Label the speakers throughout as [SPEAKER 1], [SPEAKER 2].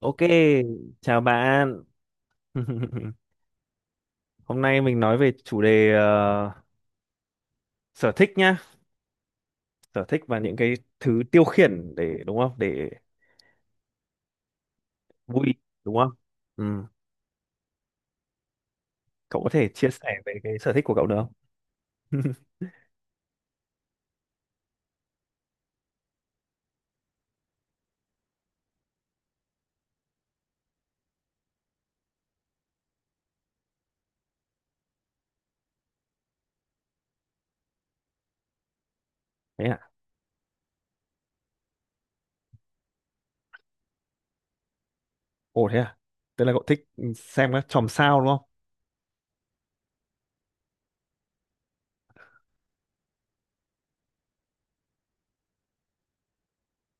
[SPEAKER 1] Ok, chào bạn. Hôm nay mình nói về chủ đề sở thích nhá, sở thích và những cái thứ tiêu khiển để đúng không? Để vui đúng không? Ừ. Cậu có thể chia sẻ về cái sở thích của cậu được không? Thế à? Ồ thế à? Tức là cậu thích xem các chòm sao đúng không?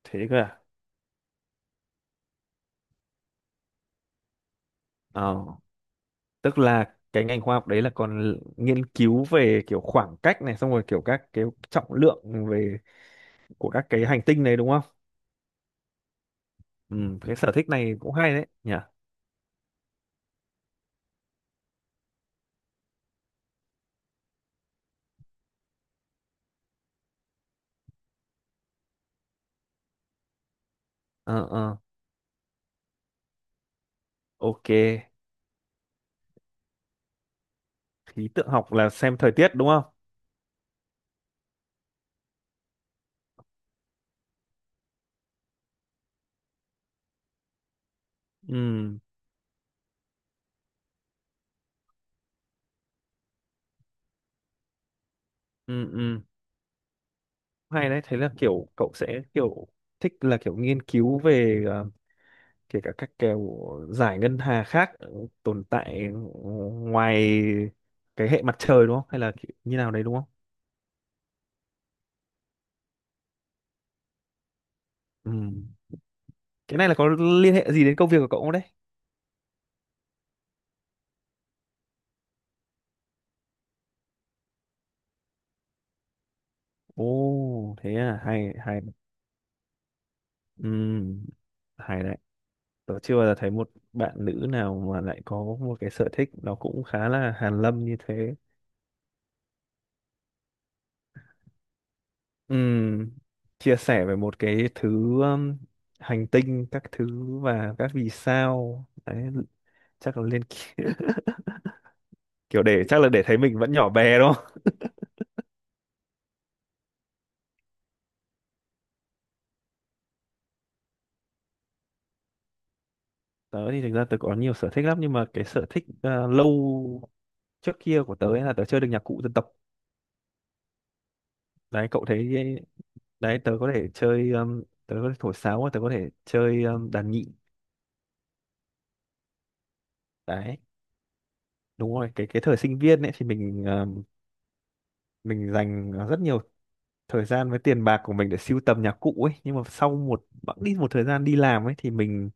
[SPEAKER 1] Thế cơ à? Ờ, tức là cái ngành khoa học đấy là còn nghiên cứu về kiểu khoảng cách này, xong rồi kiểu các cái trọng lượng về của các cái hành tinh này đúng không? Ừ, cái sở thích này cũng hay đấy nhỉ. ờ ờ ok, khí tượng học là xem thời tiết đúng không? Ừ, ừ. Ừ, hay đấy. Thế là kiểu cậu sẽ kiểu thích là kiểu nghiên cứu về kể cả các kiểu giải ngân hà khác tồn tại ngoài cái hệ mặt trời, đúng không, hay là kiểu như nào đấy đúng không? Ừ, cái này là có liên hệ gì đến công việc của cậu không đấy? Ồ thế à, hay hay. Ừ, hay đấy. Tớ chưa bao giờ thấy một bạn nữ nào mà lại có một cái sở thích nó cũng khá là hàn lâm như thế. Ừm, chia sẻ về một cái thứ, um, hành tinh, các thứ và các vì sao. Đấy, chắc là lên kiểu để chắc là để thấy mình vẫn nhỏ bé đúng không? Tớ thì thực ra tớ có nhiều sở thích lắm, nhưng mà cái sở thích lâu trước kia của tớ ấy là tớ chơi được nhạc cụ dân tộc. Đấy, cậu thấy đấy, tớ có thể chơi, tớ có thể thổi sáo và tớ có thể chơi, đàn nhị. Đấy, đúng rồi. Cái thời sinh viên ấy thì mình dành rất nhiều thời gian với tiền bạc của mình để sưu tầm nhạc cụ ấy, nhưng mà sau một bẵng đi một thời gian đi làm ấy thì mình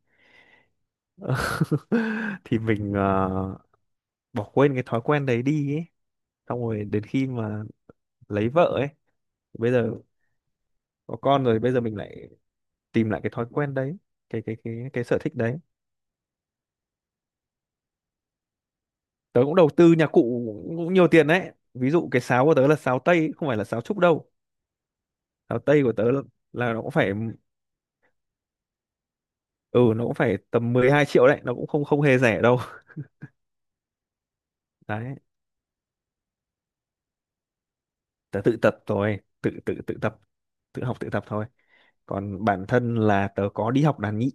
[SPEAKER 1] thì bỏ quên cái thói quen đấy đi ấy. Xong rồi đến khi mà lấy vợ ấy, bây giờ có con rồi, bây giờ mình lại tìm lại cái thói quen đấy, cái sở thích đấy. Tớ cũng đầu tư nhạc cụ cũng nhiều tiền đấy, ví dụ cái sáo của tớ là sáo tây, không phải là sáo trúc đâu. Sáo tây của tớ là nó cũng phải tầm 12 triệu đấy, nó cũng không không hề rẻ đâu. Đấy, tớ tự tập rồi tự tự tự tập, tự học tự tập thôi. Còn bản thân là tớ có đi học đàn nhị.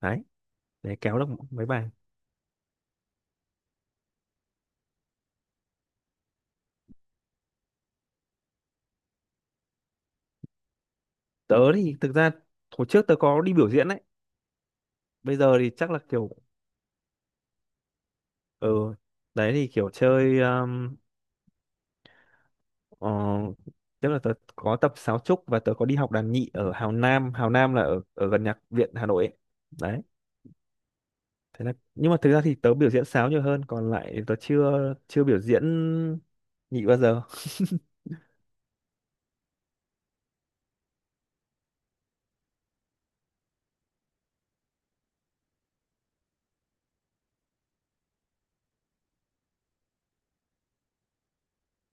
[SPEAKER 1] Đấy, để kéo được mấy bài. Tớ thì thực ra hồi trước tớ có đi biểu diễn đấy. Bây giờ thì chắc là kiểu, ừ, đấy thì kiểu chơi, ờ, tức là tớ có tập sáo trúc và tớ có đi học đàn nhị ở Hào Nam. Hào Nam là ở ở gần nhạc viện Hà Nội ấy. Đấy, thế là, nhưng mà thực ra thì tớ biểu diễn sáo nhiều hơn, còn lại tớ chưa chưa biểu diễn nhị bao giờ.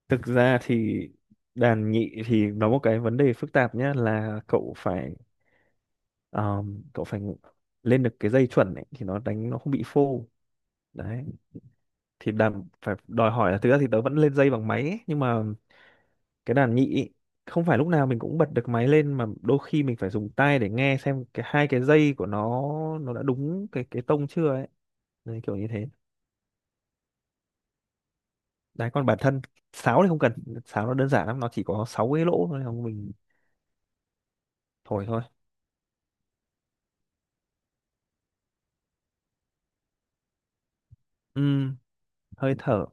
[SPEAKER 1] Thực ra thì đàn nhị thì nó một cái vấn đề phức tạp nhá, là cậu phải, cậu phải lên được cái dây chuẩn ấy, thì nó đánh nó không bị phô. Đấy, thì đàn phải đòi hỏi là, thực ra thì tớ vẫn lên dây bằng máy ấy, nhưng mà cái đàn nhị ấy, không phải lúc nào mình cũng bật được máy lên, mà đôi khi mình phải dùng tai để nghe xem cái hai cái dây của nó đã đúng cái tông chưa ấy. Đấy, kiểu như thế. Đấy, còn bản thân sáo thì không cần. Sáo nó đơn giản lắm, nó chỉ có 6 cái lỗ thôi, không, mình thổi thôi. Ừm, hơi thở.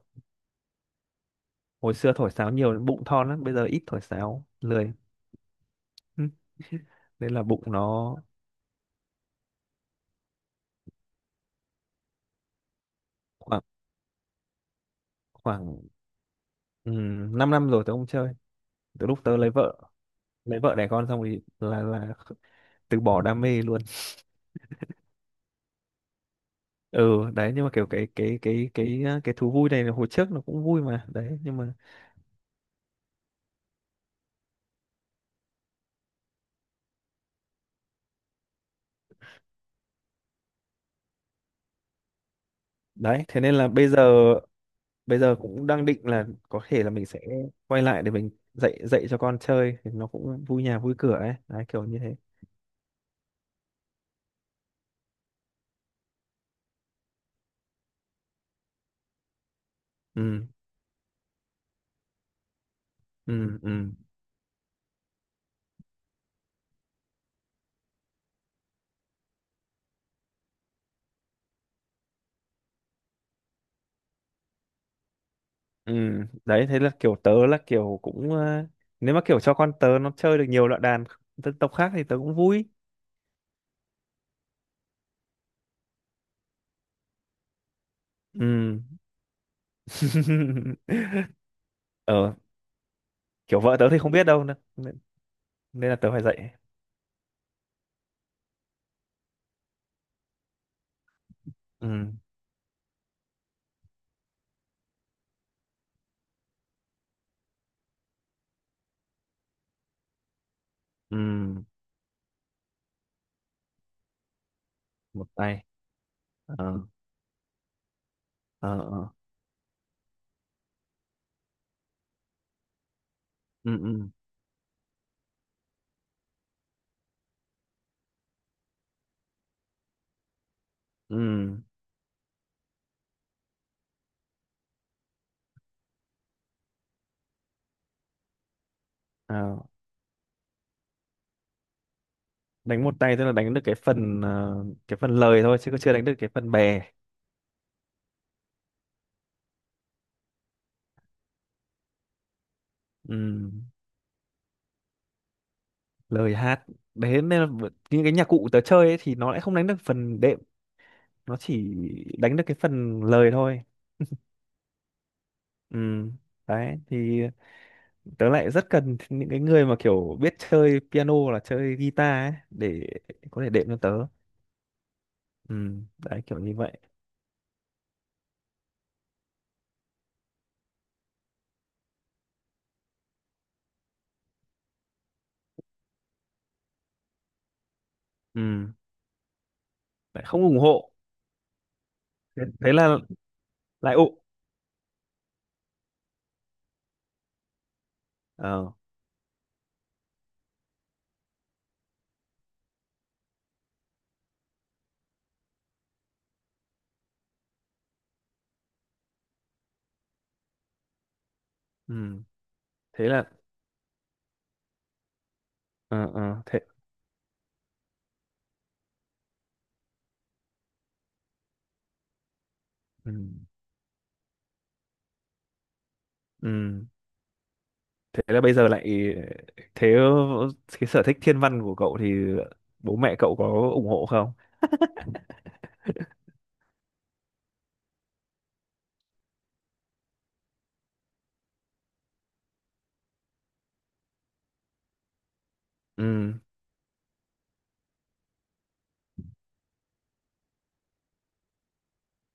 [SPEAKER 1] Hồi xưa thổi sáo nhiều đến bụng thon lắm, bây giờ ít thổi sáo lười. Ừm, nên là bụng nó... khoảng khoảng 5 năm rồi tớ không chơi. Từ lúc tớ lấy vợ, lấy vợ đẻ con xong thì là từ bỏ đam mê luôn. Ừ. Đấy nhưng mà kiểu cái thú vui này là hồi trước nó cũng vui mà đấy, nhưng mà... Đấy thế nên là bây giờ cũng đang định là có thể là mình sẽ quay lại để mình dạy dạy cho con chơi thì nó cũng vui nhà vui cửa ấy. Đấy, kiểu như thế. Ừ, ừ, ừ, ừ. Đấy thế là kiểu tớ là kiểu cũng nếu mà kiểu cho con tớ nó chơi được nhiều loại đàn dân tộc khác thì tớ cũng vui. Ừ. ờ Kiểu vợ tớ thì không biết đâu, nên là tớ phải dạy. Ừ, ừ. Một tay. Ờ, ờ, ờ. Ừ, ừ, ừ. Ờ. Đánh một tay tức là đánh được cái phần lời thôi, chứ còn chưa đánh được cái phần bè. Ừm, lời hát. Đấy nên là những cái nhạc cụ tớ chơi ấy, thì nó lại không đánh được phần đệm, nó chỉ đánh được cái phần lời thôi. Ừm, đấy thì tớ lại rất cần những cái người mà kiểu biết chơi piano hoặc là chơi guitar ấy để có thể đệm cho tớ. Đấy kiểu như vậy. Ừm, lại không ủng hộ. Thế là lại ụ. Ờ, ừm, thế là, ờ, ờ, thế, ừm, ừm. Thế là bây giờ lại, thế, cái sở thích thiên văn của cậu thì bố mẹ cậu có ủng hộ không? Ừ,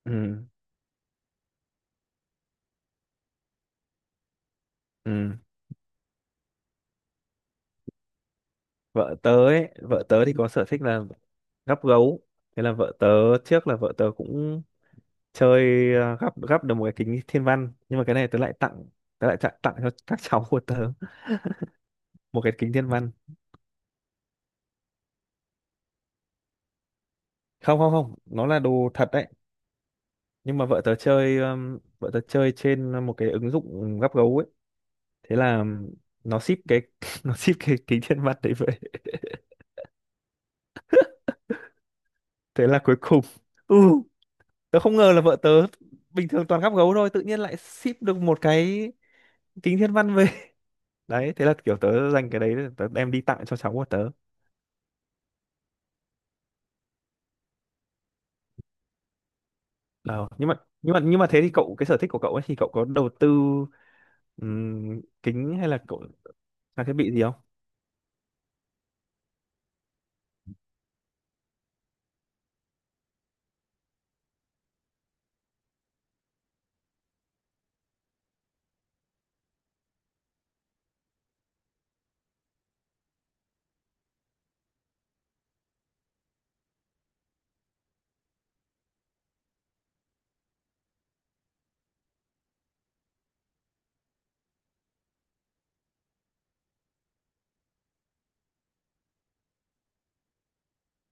[SPEAKER 1] ừ, ừ. Vợ tớ ấy, vợ tớ thì có sở thích là gắp gấu. Thế là vợ tớ, trước là vợ tớ cũng chơi, gắp gắp được một cái kính thiên văn, nhưng mà cái này tớ lại tặng cho các cháu của tớ một cái kính thiên văn. Không, không, không, nó là đồ thật đấy. Nhưng mà vợ tớ chơi trên một cái ứng dụng gắp gấu ấy. Thế là nó ship cái nó ship cái kính thiên văn đấy vậy. Thế là cuối cùng, ừ tớ không ngờ là vợ tớ bình thường toàn gắp gấu thôi tự nhiên lại ship được một cái kính thiên văn về. Đấy thế là kiểu tớ dành cái đấy để tớ đem đi tặng cho cháu của tớ. Ờ, nhưng mà thế thì cậu, cái sở thích của cậu ấy thì cậu có đầu tư kính hay là cậu trang thiết bị gì không?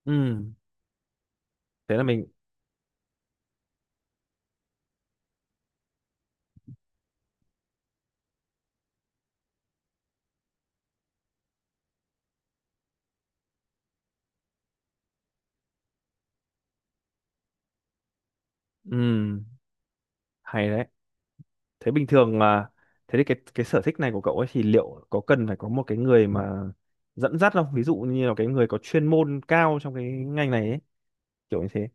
[SPEAKER 1] Ừ, thế là mình. Ừ, hay đấy. Thế bình thường à? Thế thì cái sở thích này của cậu ấy thì liệu có cần phải có một cái người mà dẫn dắt không? Ví dụ như là cái người có chuyên môn cao trong cái ngành này ấy, kiểu như thế.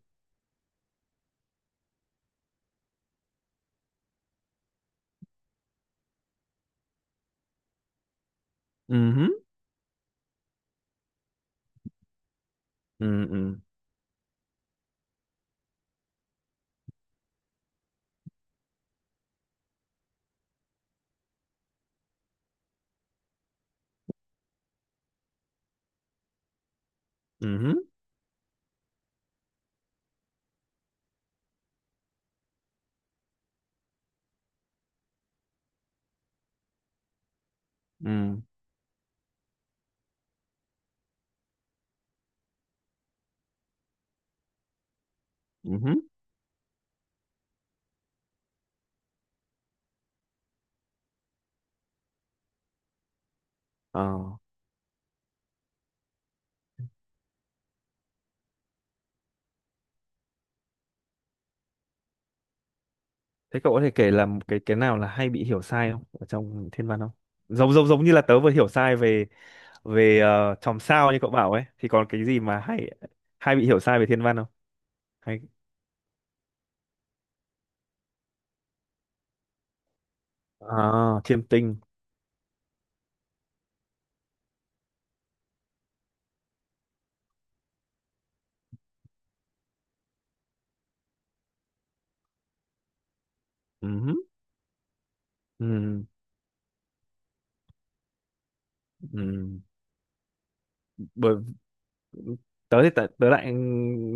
[SPEAKER 1] Ừ, hứ. Ừ, ừ. Ừ, hứ. Ừ. Ừ, hứ. Ờ, thế cậu có thể kể là một cái nào là hay bị hiểu sai không ở trong thiên văn không? Giống giống giống như là tớ vừa hiểu sai về về chòm sao như cậu bảo ấy, thì còn cái gì mà hay, hay bị hiểu sai về thiên văn không? Hay, à, chiêm tinh. Ừ, hứ. Ừ. Ừ. Bởi tớ lại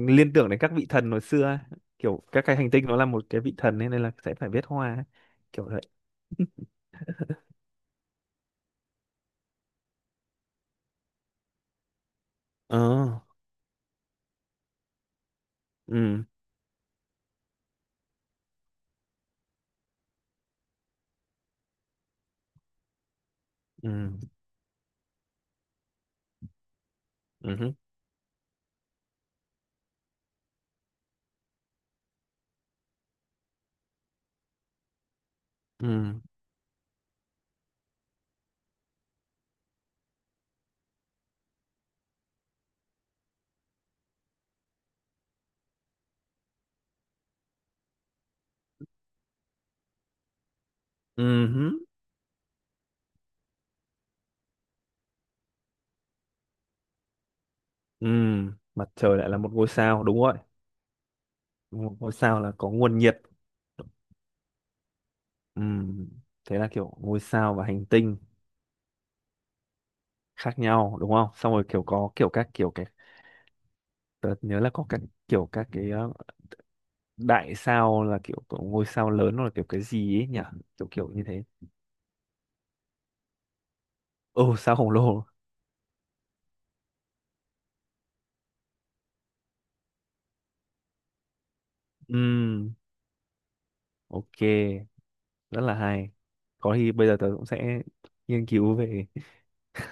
[SPEAKER 1] liên tưởng đến các vị thần hồi xưa ấy. Kiểu các cái hành tinh nó là một cái vị thần ấy, nên là sẽ phải viết hoa ấy. Kiểu vậy. Ờ. Ừ, ừ. Ừ, hứ. Ừ. Ừ, hứ. Ừ. Mặt trời lại là một ngôi sao, đúng rồi. Một ngôi sao là có nguồn nhiệt. Ừ. Thế là kiểu ngôi sao và hành tinh khác nhau đúng không, xong rồi kiểu có kiểu các kiểu cái, tớ nhớ là có các kiểu các cái đại sao là kiểu có ngôi sao lớn, hoặc là kiểu cái gì ấy nhỉ, kiểu kiểu như thế. Ồ, sao khổng lồ. Ừm, ok, rất là hay. Có khi bây giờ tớ cũng sẽ nghiên cứu về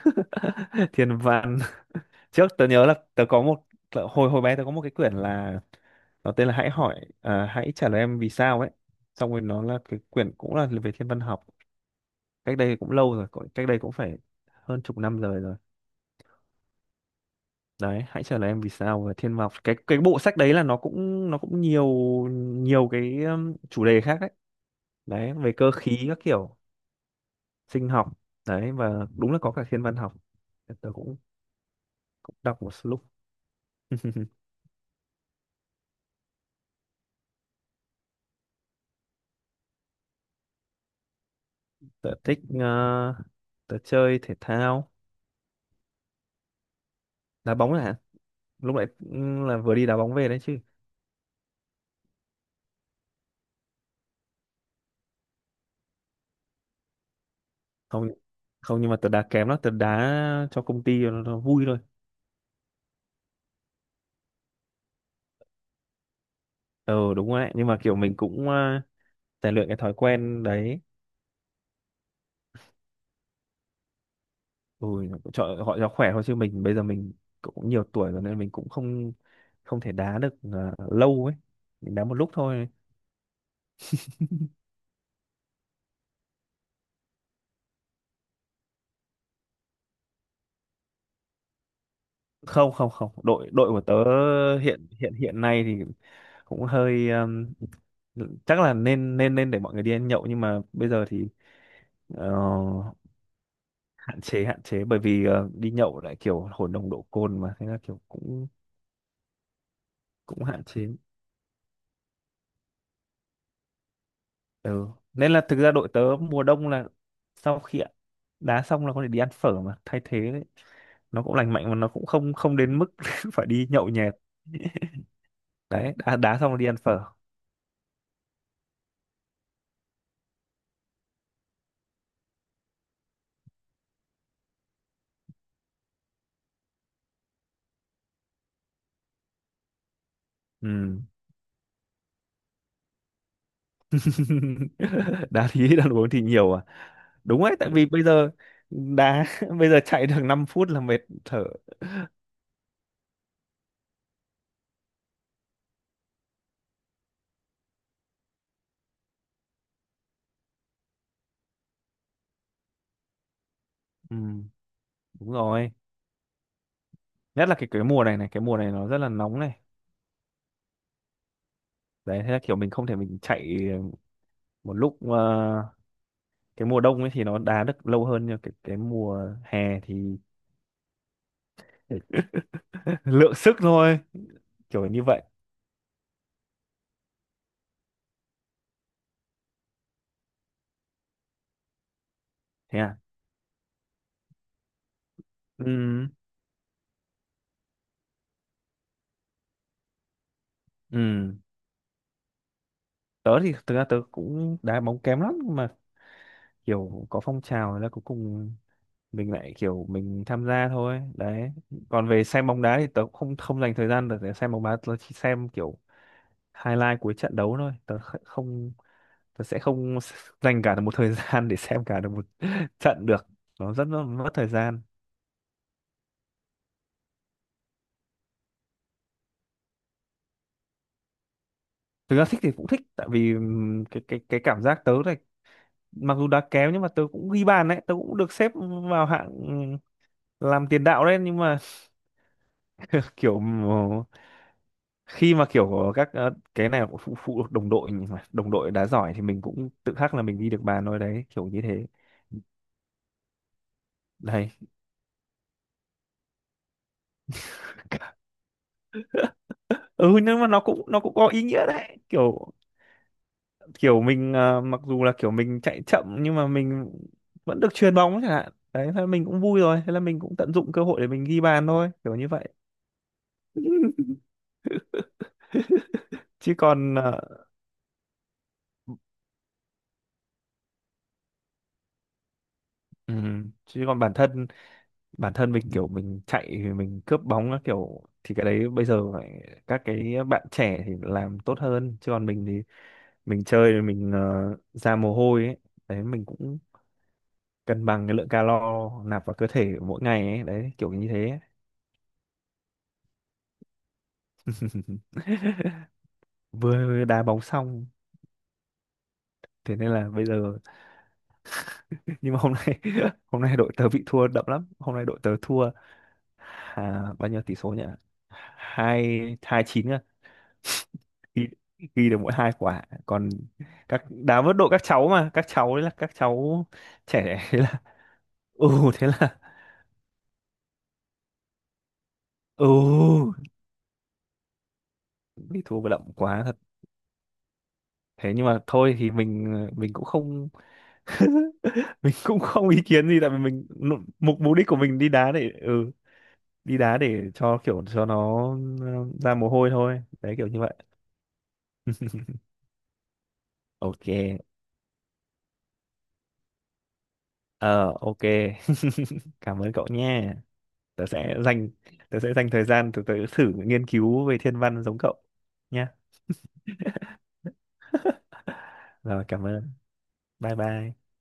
[SPEAKER 1] thiên văn. Trước tớ nhớ là tớ có một tớ- hồi hồi bé tớ có một cái quyển là, nó tên là Hãy trả lời em vì sao ấy. Xong rồi nó là cái quyển cũng là về thiên văn học. Cách đây cũng lâu rồi, cách đây cũng phải hơn chục năm rồi rồi. Đấy, hãy trả lời em vì sao về thiên văn học. Cái bộ sách đấy là nó cũng nhiều nhiều cái, chủ đề khác đấy. Đấy, về cơ khí các kiểu sinh học đấy và đúng là có cả thiên văn học, tớ cũng cũng đọc một lúc. Tớ thích tớ chơi thể thao, đá bóng là lúc nãy là vừa đi đá bóng về đấy chứ. Không, không nhưng mà tớ đá kém lắm, tớ đá cho công ty nó vui thôi. Ờ đúng rồi đấy, nhưng mà kiểu mình cũng rèn luyện cái thói quen đấy. Ừ, cho họ cho khỏe thôi chứ mình bây giờ mình cũng nhiều tuổi rồi, nên mình cũng không không thể đá được lâu ấy, mình đá một lúc thôi. Không không không, đội đội của tớ hiện hiện hiện nay thì cũng hơi chắc là nên nên nên để mọi người đi ăn nhậu, nhưng mà bây giờ thì ờ, hạn chế, hạn chế bởi vì ờ, đi nhậu lại kiểu hồn đồng độ cồn mà thế là kiểu cũng cũng hạn chế. Ừ. Nên là thực ra đội tớ mùa đông là sau khi đá xong là có thể đi ăn phở mà thay thế đấy. Nó cũng lành mạnh mà nó cũng không không đến mức phải đi nhậu nhẹt. Đấy, đá, đá xong là đi ăn phở. Ừ. Đá thì ăn uống thì nhiều à? Đúng đấy, tại vì bây giờ đá bây giờ chạy được 5 phút là mệt thở. Ừ, đúng rồi, nhất là cái mùa này này, cái mùa này nó rất là nóng này. Đấy thế là kiểu mình không thể mình chạy một lúc cái mùa đông ấy thì nó đá được lâu hơn, nhưng cái mùa hè thì lượng sức thôi, kiểu như vậy. Thế à? Ừ. Ừ, tớ thì thực ra tớ cũng đá bóng kém lắm, nhưng mà kiểu có phong trào là cuối cùng mình lại kiểu mình tham gia thôi đấy. Còn về xem bóng đá thì tớ cũng không không dành thời gian được để xem bóng đá, tớ chỉ xem kiểu highlight cuối trận đấu thôi, không, tớ sẽ không s- dành cả một thời gian để xem cả được một trận được, nó rất là mất thời gian. Thực ra thích thì cũng thích, tại vì cái cảm giác tớ này, mặc dù đá kém nhưng mà tớ cũng ghi bàn đấy, tớ cũng được xếp vào hạng làm tiền đạo đấy, nhưng mà kiểu khi mà kiểu các cái này cũng phụ phụ thuộc đồng đội, nhưng mà đồng đội đá giỏi thì mình cũng tự khắc là mình ghi được bàn thôi đấy, kiểu như thế. Đây. Ừ nhưng mà nó cũng có ý nghĩa đấy, kiểu kiểu mình mặc dù là kiểu mình chạy chậm nhưng mà mình vẫn được chuyền bóng chẳng hạn đấy, thế là mình cũng vui rồi, thế là mình cũng tận dụng cơ hội để mình ghi bàn thôi, kiểu như vậy. Chứ còn chứ còn bản thân mình kiểu mình chạy thì mình cướp bóng á, kiểu thì cái đấy bây giờ phải các cái bạn trẻ thì làm tốt hơn, chứ còn mình thì mình chơi thì mình ra mồ hôi ấy. Đấy mình cũng cân bằng cái lượng calo nạp vào cơ thể mỗi ngày ấy, đấy kiểu như thế. Vừa đá bóng xong, thế nên là bây giờ nhưng mà hôm nay hôm nay đội tớ bị thua đậm lắm, hôm nay đội tớ thua à, bao nhiêu tỷ số nhỉ? Hai, 2-9. Ghi, ghi được mỗi 2 quả, còn các đá vớt đội các cháu, mà các cháu đấy là các cháu trẻ, thế là ừ, thế là ừ bị thua đậm quá thật. Thế nhưng mà thôi thì mình cũng không mình cũng không ý kiến gì, tại vì mình mục mục đích của mình đi đá để ừ đi đá để cho kiểu cho nó ừ, ra mồ hôi thôi đấy, kiểu như vậy. Ok, ờ ok. Cảm ơn cậu nha, tớ sẽ dành tớ sẽ dành thời gian tớ, tớ thử nghiên cứu về thiên văn giống cậu nhé. Rồi cảm ơn, bye bye.